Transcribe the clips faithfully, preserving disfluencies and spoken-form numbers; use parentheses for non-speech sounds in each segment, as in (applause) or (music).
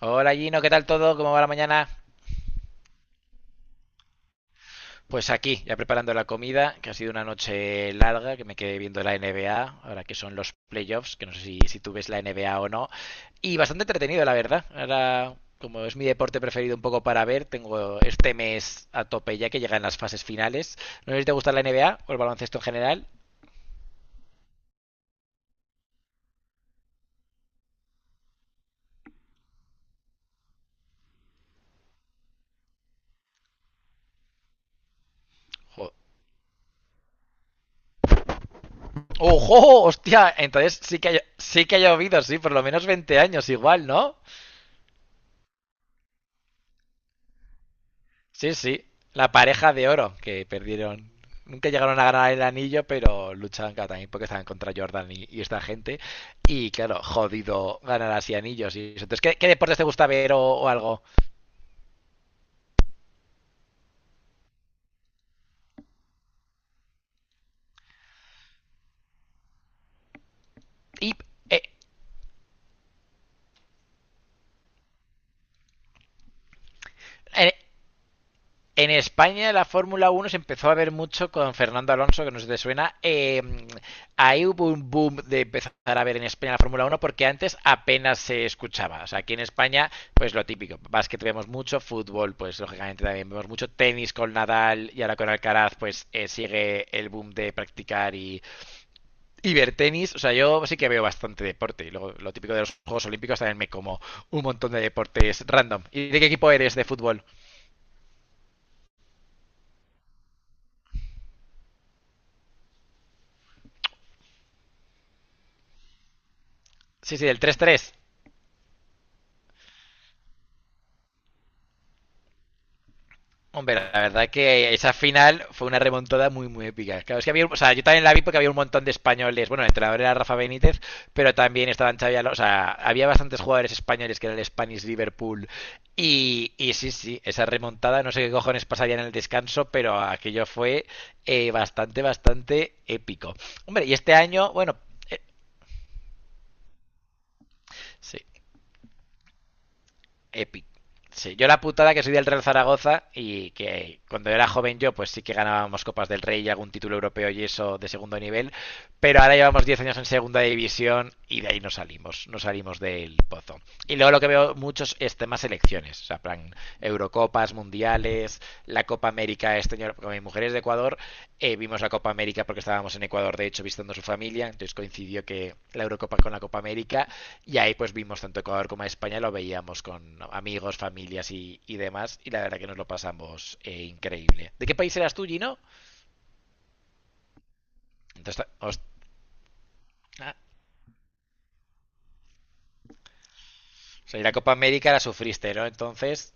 Hola Gino, ¿qué tal todo? ¿Cómo va la mañana? Pues aquí, ya preparando la comida, que ha sido una noche larga, que me quedé viendo la N B A, ahora que son los playoffs, que no sé si, si tú ves la N B A o no, y bastante entretenido, la verdad. Ahora, como es mi deporte preferido un poco para ver, tengo este mes a tope ya que llegan las fases finales. No sé si te gusta la N B A o el baloncesto en general. Jo- ¡Ojo! ¡Hostia! Entonces sí que ha, sí que ha llovido, sí, por lo menos veinte años igual, ¿no? Sí, sí. La pareja de oro que perdieron. Nunca llegaron a ganar el anillo, pero luchaban cada también porque estaban contra Jordan y, y esta gente. Y claro, jodido ganar así anillos. Y eso. Entonces, ¿qué, qué deportes te gusta ver o, o algo? Y eh, eh, En España la Fórmula Uno se empezó a ver mucho con Fernando Alonso, que no sé si te suena. Eh, ahí hubo un boom de empezar a ver en España la Fórmula Uno porque antes apenas se escuchaba. O sea, aquí en España, pues lo típico. Básquet vemos mucho, fútbol, pues lógicamente también vemos mucho, tenis con Nadal y ahora con Alcaraz, pues eh, sigue el boom de practicar y, y ver tenis. O sea, yo sí que veo bastante deporte. Y luego lo típico de los Juegos Olímpicos también me como un montón de deportes random. ¿Y de qué equipo eres de fútbol? Sí, sí, del tres tres. Hombre, la verdad es que esa final fue una remontada muy, muy épica. Claro, es que había, o sea, yo también la vi porque había un montón de españoles. Bueno, el entrenador era Rafa Benítez, pero también estaban Xavi Alonso. O sea, había bastantes jugadores españoles que era el Spanish Liverpool. Y, y sí, sí, esa remontada, no sé qué cojones pasaría en el descanso, pero aquello fue eh, bastante, bastante épico. Hombre, y este año, bueno, eh, sí, Epic. Sí, yo la putada que soy del Real Zaragoza y que cuando era joven yo, pues sí que ganábamos Copas del Rey y algún título europeo y eso de segundo nivel, pero ahora llevamos diez años en segunda división y de ahí no salimos, no salimos del pozo. Y luego lo que veo muchos es temas elecciones, o sea, plan Eurocopas, Mundiales, la Copa América este año, con mi mujer es de Ecuador, eh, vimos la Copa América porque estábamos en Ecuador, de hecho, visitando a su familia, entonces coincidió que la Eurocopa con la Copa América y ahí pues vimos tanto Ecuador como España, lo veíamos con amigos, familias y, y demás, y la verdad que nos lo pasamos eh, increíble. ¿De qué país eras tú, Gino? Entonces, os- ah, o sea, y la Copa América la sufriste, ¿no? Entonces,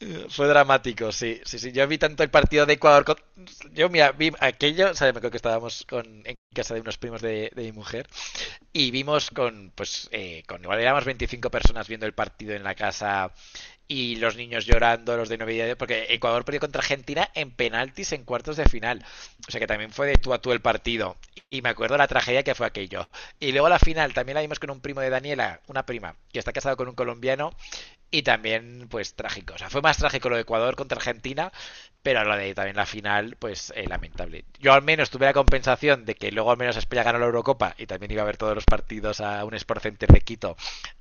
eh, fue dramático, sí, sí, sí. Yo vi tanto el partido de Ecuador, con- yo mira, vi aquello, o sea, me acuerdo que estábamos con, en casa de unos primos de, de mi mujer, y vimos con, pues, eh, con igual éramos veinticinco personas viendo el partido en la casa y los niños llorando, los de novedad, porque Ecuador perdió contra Argentina en penaltis en cuartos de final. O sea que también fue de tú a tú el partido. Y me acuerdo la tragedia que fue aquello. Y luego la final también la vimos con un primo de Daniela, una prima, que está casado con un colombiano y también, pues, trágico. O sea, fue más trágico lo de Ecuador contra Argentina, pero lo de también la final, pues, eh, lamentable. Yo al menos tuve la compensación de que luego al menos España ganó la Eurocopa y también iba a ver todos los partidos a un Sport Center de Quito.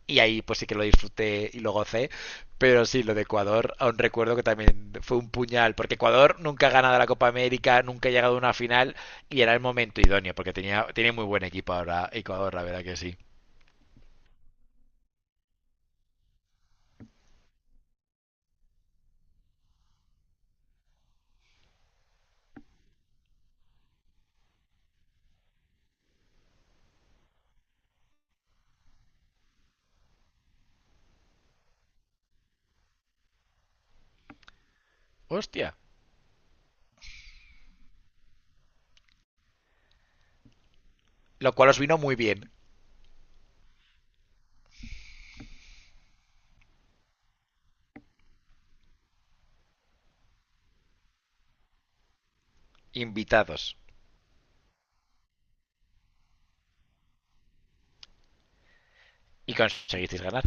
Y ahí, pues, sí que lo disfruté y lo gocé. Pero sí, lo de Ecuador, aún recuerdo que también fue un puñal, porque Ecuador nunca ha ganado la Copa América, nunca ha llegado a una final y era el momento idóneo, porque tenía, tenía muy buen equipo ahora Ecuador, la verdad que sí. Hostia, lo cual os vino muy bien. Invitados. Y conseguisteis ganar.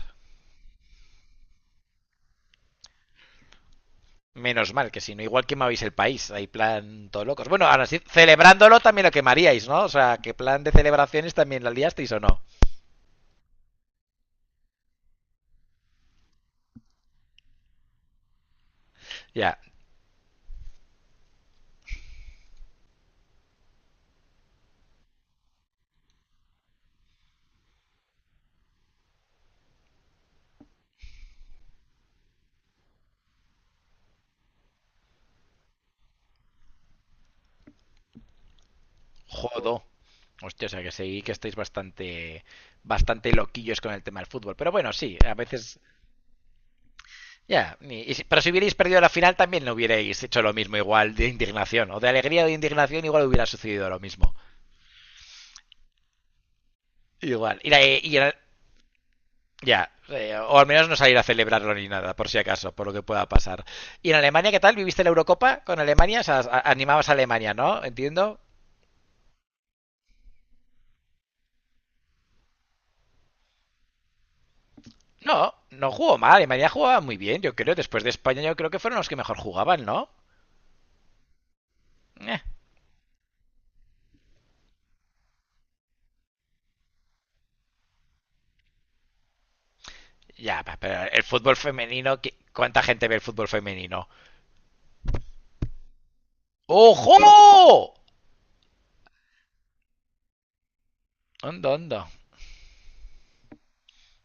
Menos mal que si no, igual quemabais el país, ahí plan todo locos. Bueno, ahora sí, celebrándolo también lo quemaríais, ¿no? O sea, que plan de celebraciones también la liasteis o no. Ya, jodo. Hostia, o sea que seguí que estáis bastante bastante loquillos con el tema del fútbol. Pero bueno, sí, a veces. Ya. ni- y si- pero si hubierais perdido la final también no hubierais hecho lo mismo, igual de indignación. O de alegría o de indignación, igual hubiera sucedido lo mismo. Igual. Y, la- y Ya, eh, o al menos no salir a celebrarlo ni nada, por si acaso, por lo que pueda pasar. ¿Y en Alemania qué tal? ¿Viviste la Eurocopa con Alemania? O sea, a- animabas a Alemania, ¿no? Entiendo. No, no jugó mal. Alemania jugaba muy bien, yo creo. Después de España, yo creo que fueron los que mejor jugaban, ¿no? Eh, ya, pa- pero el fútbol femenino, ¿qué- ¿cuánta gente ve el fútbol femenino? ¡Ojo! Onda, onda.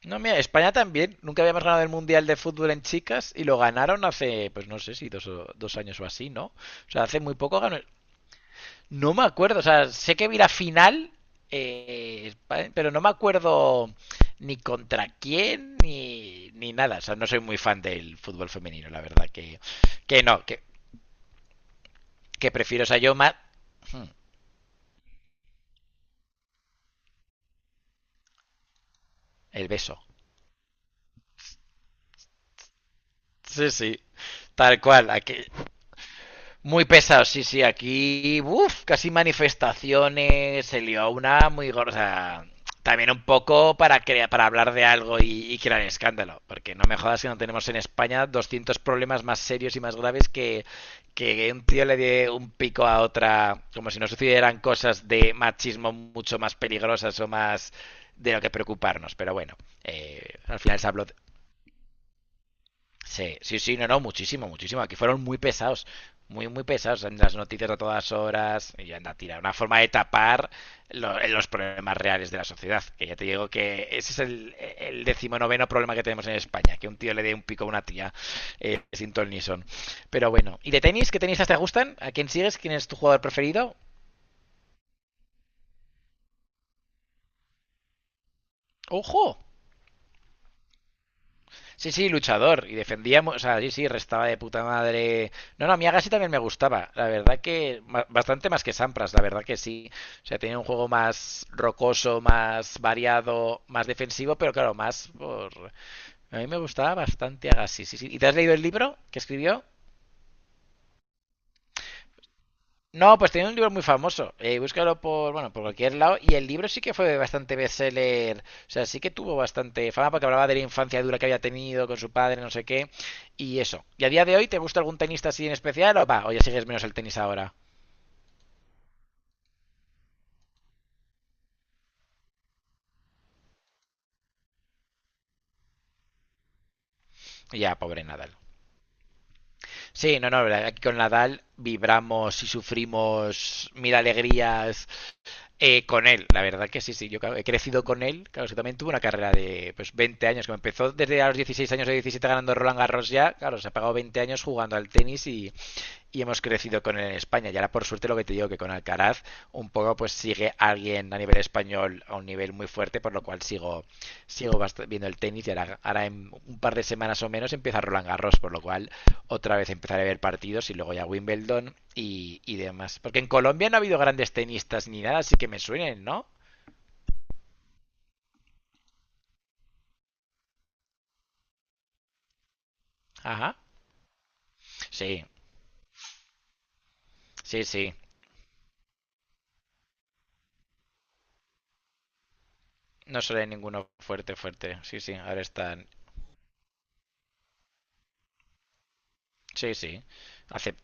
No, mira, España también. Nunca habíamos ganado el Mundial de Fútbol en chicas y lo ganaron hace, pues no sé si dos, o- dos años o así, ¿no? O sea, hace muy poco ganó. No me acuerdo, o sea, sé que vi la final, eh, pero no me acuerdo ni contra quién ni, ni nada. O sea, no soy muy fan del fútbol femenino, la verdad. Que, que no, que, que prefiero, o sea, yo más. Hmm, El beso. Sí, sí, tal cual. Aquí, muy pesado, sí, sí, aquí, uff, casi manifestaciones, se lió una muy gorda. También un poco para, crea- para hablar de algo y, y crear escándalo, porque no me jodas que no tenemos en España doscientos problemas más serios y más graves que, que un tío le dé un pico a otra, como si no sucedieran cosas de machismo mucho más peligrosas o más de lo que preocuparnos. Pero bueno, eh, al final se habló. Sí, sí, sí, no, no, muchísimo, muchísimo. Aquí fueron muy pesados, muy, muy pesados en las noticias a todas horas. Y anda, tira, una forma de tapar lo- los problemas reales de la sociedad. Que ya te digo que ese es el, el decimonoveno problema que tenemos en España, que un tío le dé un pico a una tía eh, sin ton ni son. Pero bueno, ¿y de tenis? ¿Qué tenistas te gustan? ¿A quién sigues? ¿Quién es tu jugador preferido? ¡Ojo! Sí, sí, luchador. Y defendíamos, o sea, sí, sí, restaba de puta madre. No, no, Miyagashi también me gustaba. La verdad que ma- bastante más que Sampras, la verdad que sí. O sea, tenía un juego más rocoso, más variado, más defensivo, pero claro, más por. A mí me gustaba bastante Agashi, sí, sí. ¿Y te has leído el libro que escribió? No, pues tenía un libro muy famoso. Eh, búscalo por, bueno, por cualquier lado. Y el libro sí que fue bastante bestseller. O sea, sí que tuvo bastante fama porque hablaba de la infancia dura que había tenido con su padre, no sé qué. Y eso. ¿Y a día de hoy te gusta algún tenista así en especial? O va, o ya sigues menos el tenis ahora. Y Ya, pobre Nadal. Sí, no, no, aquí con Nadal vibramos y sufrimos mil alegrías. Eh, con él, la verdad que sí, sí, yo claro, he crecido con él, claro, que también tuvo una carrera de pues veinte años, que me empezó desde a los dieciséis años o diecisiete ganando Roland Garros ya, claro, se ha pagado veinte años jugando al tenis y, y hemos crecido con él en España. Y ahora, por suerte, lo que te digo, que con Alcaraz, un poco pues sigue alguien a nivel español a un nivel muy fuerte, por lo cual sigo, sigo viendo el tenis. Y ahora, ahora en un par de semanas o menos empieza Roland Garros, por lo cual otra vez empezaré a ver partidos y luego ya Wimbledon y, y demás. Porque en Colombia no ha habido grandes tenistas ni nada, así que me suenen, ¿no? Ajá. Sí, sí, sí. No suele ninguno fuerte, fuerte. Sí, sí, ahora están. Sí, sí. Hace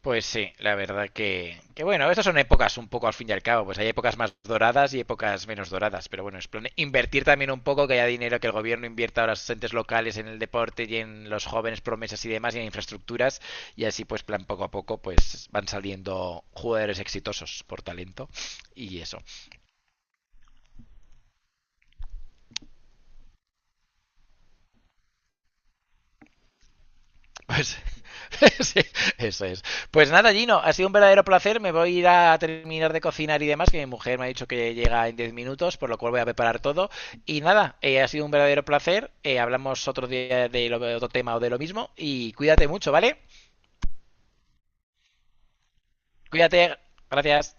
Pues sí, la verdad que, que bueno, estas son épocas un poco al fin y al cabo, pues hay épocas más doradas y épocas menos doradas, pero bueno, es plan invertir también un poco, que haya dinero que el gobierno invierta a los entes locales en el deporte y en los jóvenes promesas y demás y en infraestructuras y así pues plan poco a poco pues van saliendo jugadores exitosos por talento y eso. Pues (laughs) sí, eso es. Pues nada, Gino, ha sido un verdadero placer. Me voy a ir a terminar de cocinar y demás, que mi mujer me ha dicho que llega en diez minutos, por lo cual voy a preparar todo. Y nada, eh, ha sido un verdadero placer. Eh, hablamos otro día de, lo, de otro tema o de lo mismo. Y cuídate mucho, ¿vale? Cuídate, gracias.